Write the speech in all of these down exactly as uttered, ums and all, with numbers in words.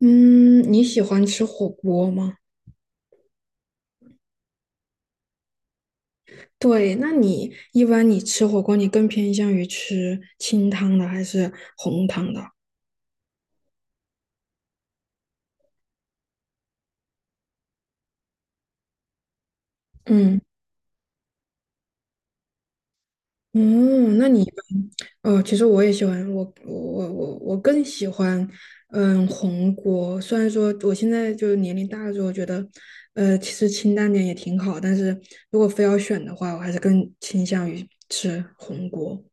嗯，你喜欢吃火锅吗？对，那你一般你吃火锅，你更偏向于吃清汤的还是红汤的？嗯，嗯，那你哦，呃其实我也喜欢，我我我我我更喜欢，嗯，红锅。虽然说我现在就是年龄大了之后，觉得，呃，其实清淡点也挺好，但是如果非要选的话，我还是更倾向于吃红锅。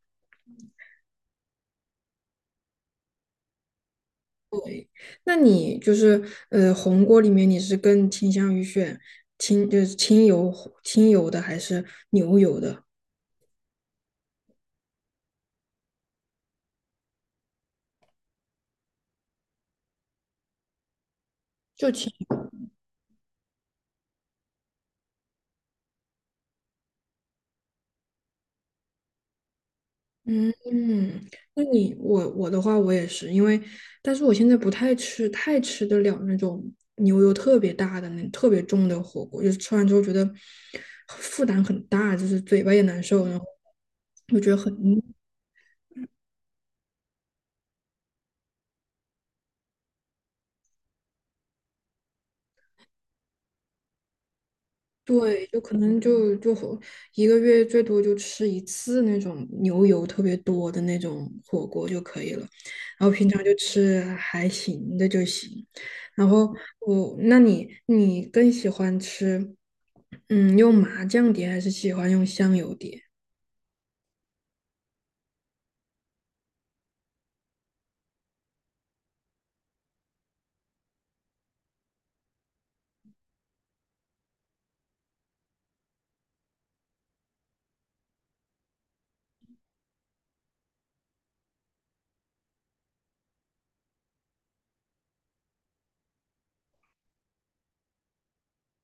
那你就是呃，红锅里面你是更倾向于选清就是清油清油的还是牛油的？就清嗯嗯，那你我我的话我也是，因为但是我现在不太吃太吃得了那种牛油特别大的那特别重的火锅，就是吃完之后觉得负担很大，就是嘴巴也难受，然后我觉得很腻。对，就可能就就和一个月最多就吃一次那种牛油特别多的那种火锅就可以了，然后平常就吃还行的就行。然后我，那你你更喜欢吃，嗯，用麻酱碟还是喜欢用香油碟？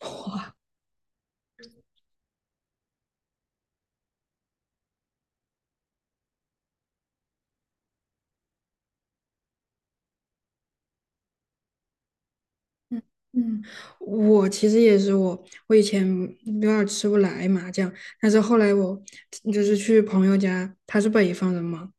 哇，嗯嗯，我其实也是我，我以前有点儿吃不来麻酱，但是后来我就是去朋友家，他是北方人嘛，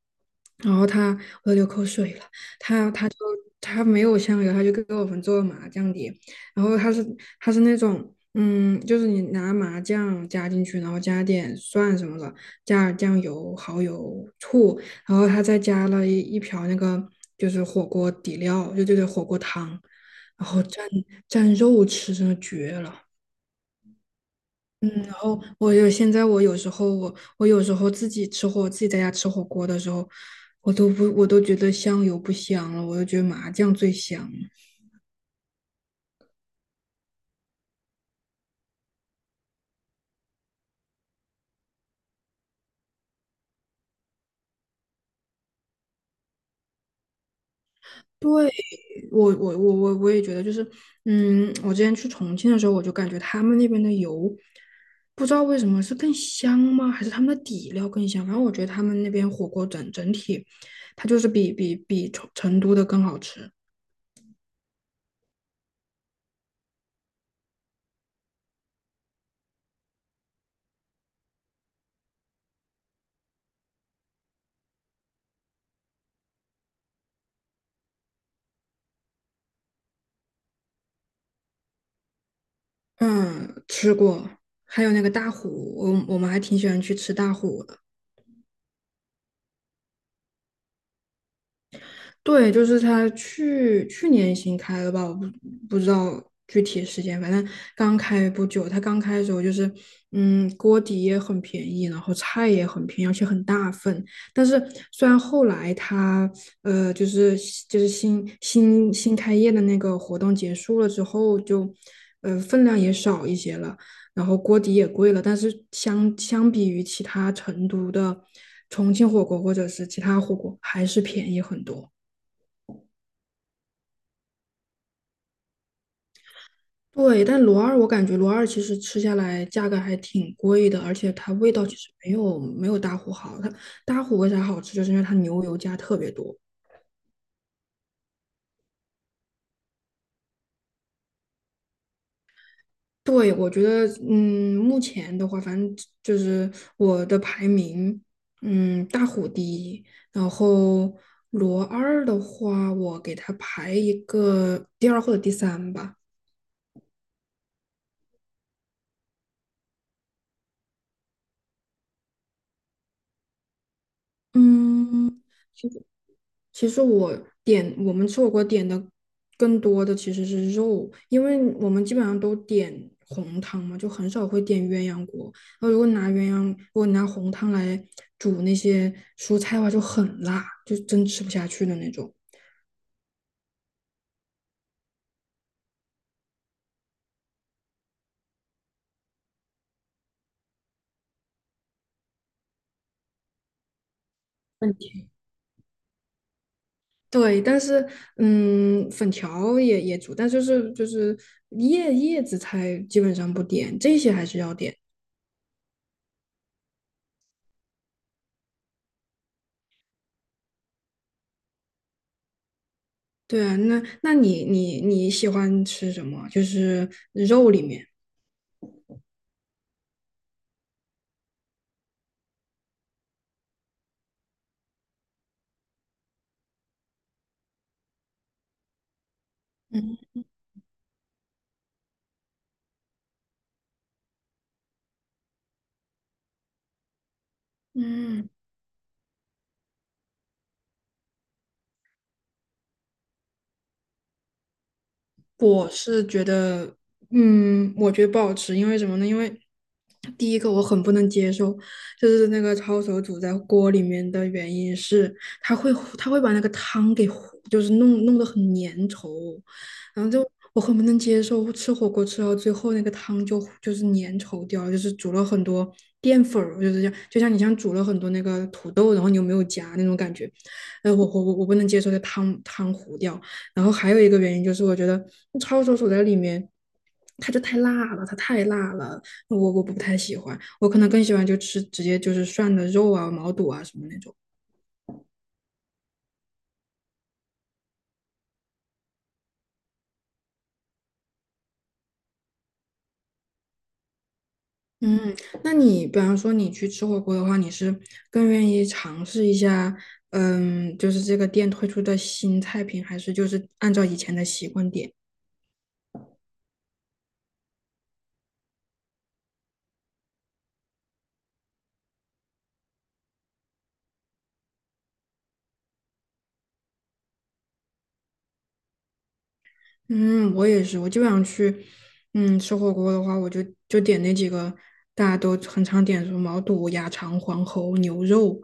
然后他，我都流口水了。他他就他没有香油，他就给我们做麻酱碟。然后他是他是那种，嗯，就是你拿麻酱加进去，然后加点蒜什么的，加点酱油、蚝油、醋，然后他再加了一一瓢那个就是火锅底料，就就是火锅汤，然后蘸蘸肉吃，真的绝了。哦，我有现在我有时候我我有时候自己吃火，自己在家吃火锅的时候，我都不我都觉得香油不香了，我都觉得麻酱最香。对，我我我我我也觉得就是，嗯，我之前去重庆的时候，我就感觉他们那边的油，不知道为什么是更香吗？还是他们的底料更香？反正我觉得他们那边火锅整整体，它就是比比比成成都的更好吃。嗯，吃过，还有那个大虎，我我们还挺喜欢去吃大虎的。对，就是他去去年新开的吧，我不不知道具体时间，反正刚开不久。他刚开的时候就是，嗯，锅底也很便宜，然后菜也很便宜，而且很大份。但是虽然后来他呃，就是就是新新新开业的那个活动结束了之后就，呃分量也少一些了，然后锅底也贵了，但是相相比于其他成都的重庆火锅或者是其他火锅，还是便宜很多。对，但罗二，我感觉罗二其实吃下来价格还挺贵的，而且它味道其实没有没有大虎好。它大虎为啥好吃，就是因为它牛油加特别多。对，我觉得，嗯，目前的话，反正就是我的排名，嗯，大虎第一，然后罗二的话，我给它排一个第二或者第三吧。嗯，其实我点，我们吃火锅点的更多的其实是肉，因为我们基本上都点红汤嘛，就很少会点鸳鸯锅。然后如果拿鸳鸯，如果拿红汤来煮那些蔬菜的话，就很辣，就真吃不下去的那种。问题。对，但是嗯，粉条也也煮，但就是就是叶叶子菜基本上不点，这些还是要点。对啊，那那你你你喜欢吃什么？就是肉里面。嗯。嗯，我是觉得，嗯，我觉得不好吃，因为什么呢？因为第一个我很不能接受，就是那个抄手煮在锅里面的原因是，它会它会把那个汤给糊，就是弄弄得很粘稠，然后就我很不能接受，吃火锅吃到最后那个汤就就是粘稠掉了，就是煮了很多淀粉儿，就是像，就像你像煮了很多那个土豆，然后你又没有夹那种感觉，呃，我我我我不能接受这汤汤糊掉。然后还有一个原因就是，我觉得抄手手在里面，它就太辣了，它太辣了，我我不太喜欢，我可能更喜欢就吃直接就是涮的肉啊、毛肚啊什么那种。嗯，那你比方说你去吃火锅的话，你是更愿意尝试一下，嗯，就是这个店推出的新菜品，还是就是按照以前的习惯点？嗯，我也是，我就想去，嗯，吃火锅的话，我就就点那几个大家都很常点，什么毛肚、鸭肠、黄喉、牛肉，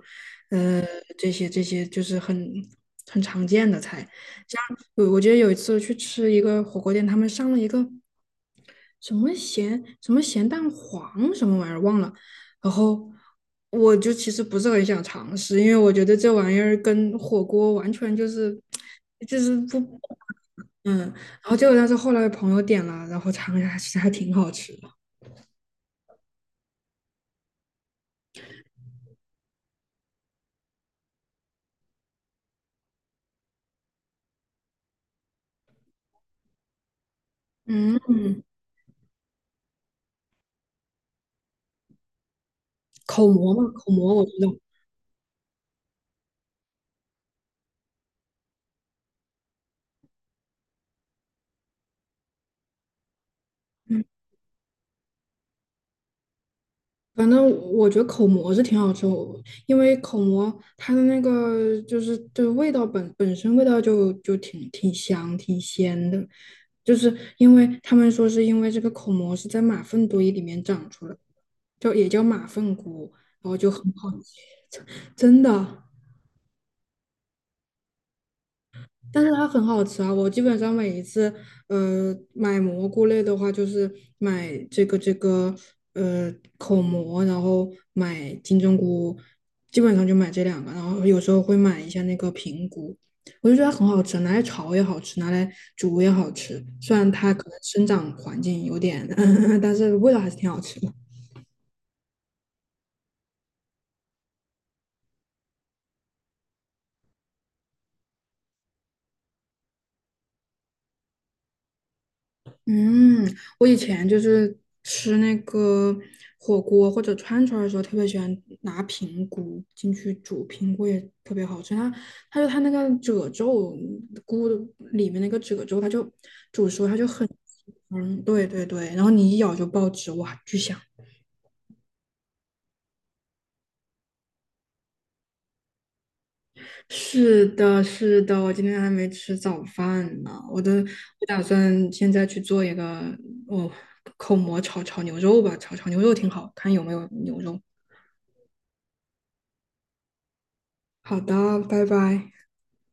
呃，这些这些就是很很常见的菜。像我我记得有一次去吃一个火锅店，他们上了一个什么咸，什么咸蛋黄什么玩意儿忘了，然后我就其实不是很想尝试，因为我觉得这玩意儿跟火锅完全就是 就是不。嗯，然后结果但是后来朋友点了，然后尝了一下，其实还挺好吃的。嗯，口蘑嘛，口蘑我知道，嗯，反正我觉得口蘑是挺好吃，我因为口蘑它的那个就是就是味道本本身味道就就挺挺香挺鲜的，就是因为他们说是因为这个口蘑是在马粪堆里面长出来的，就也叫马粪菇，然后就很好吃，真的。但是它很好吃啊！我基本上每一次，呃，买蘑菇类的话，就是买这个这个，呃，口蘑，然后买金针菇，基本上就买这两个，然后有时候会买一下那个平菇，我就觉得它很好吃，拿来炒也好吃，拿来煮也好吃。虽然它可能生长环境有点 但是味道还是挺好吃的。嗯，我以前就是吃那个火锅或者串串儿的时候，特别喜欢拿平菇进去煮，平菇也特别好吃。它，它就它那个褶皱，菇的里面那个褶皱，它就煮熟，它就很，嗯，对对对，然后你一咬就爆汁，哇，巨香。是的，是的，我今天还没吃早饭呢，我的，我打算现在去做一个，哦，口蘑炒炒牛肉吧，炒炒牛肉挺好，看有没有牛肉。好的，拜拜。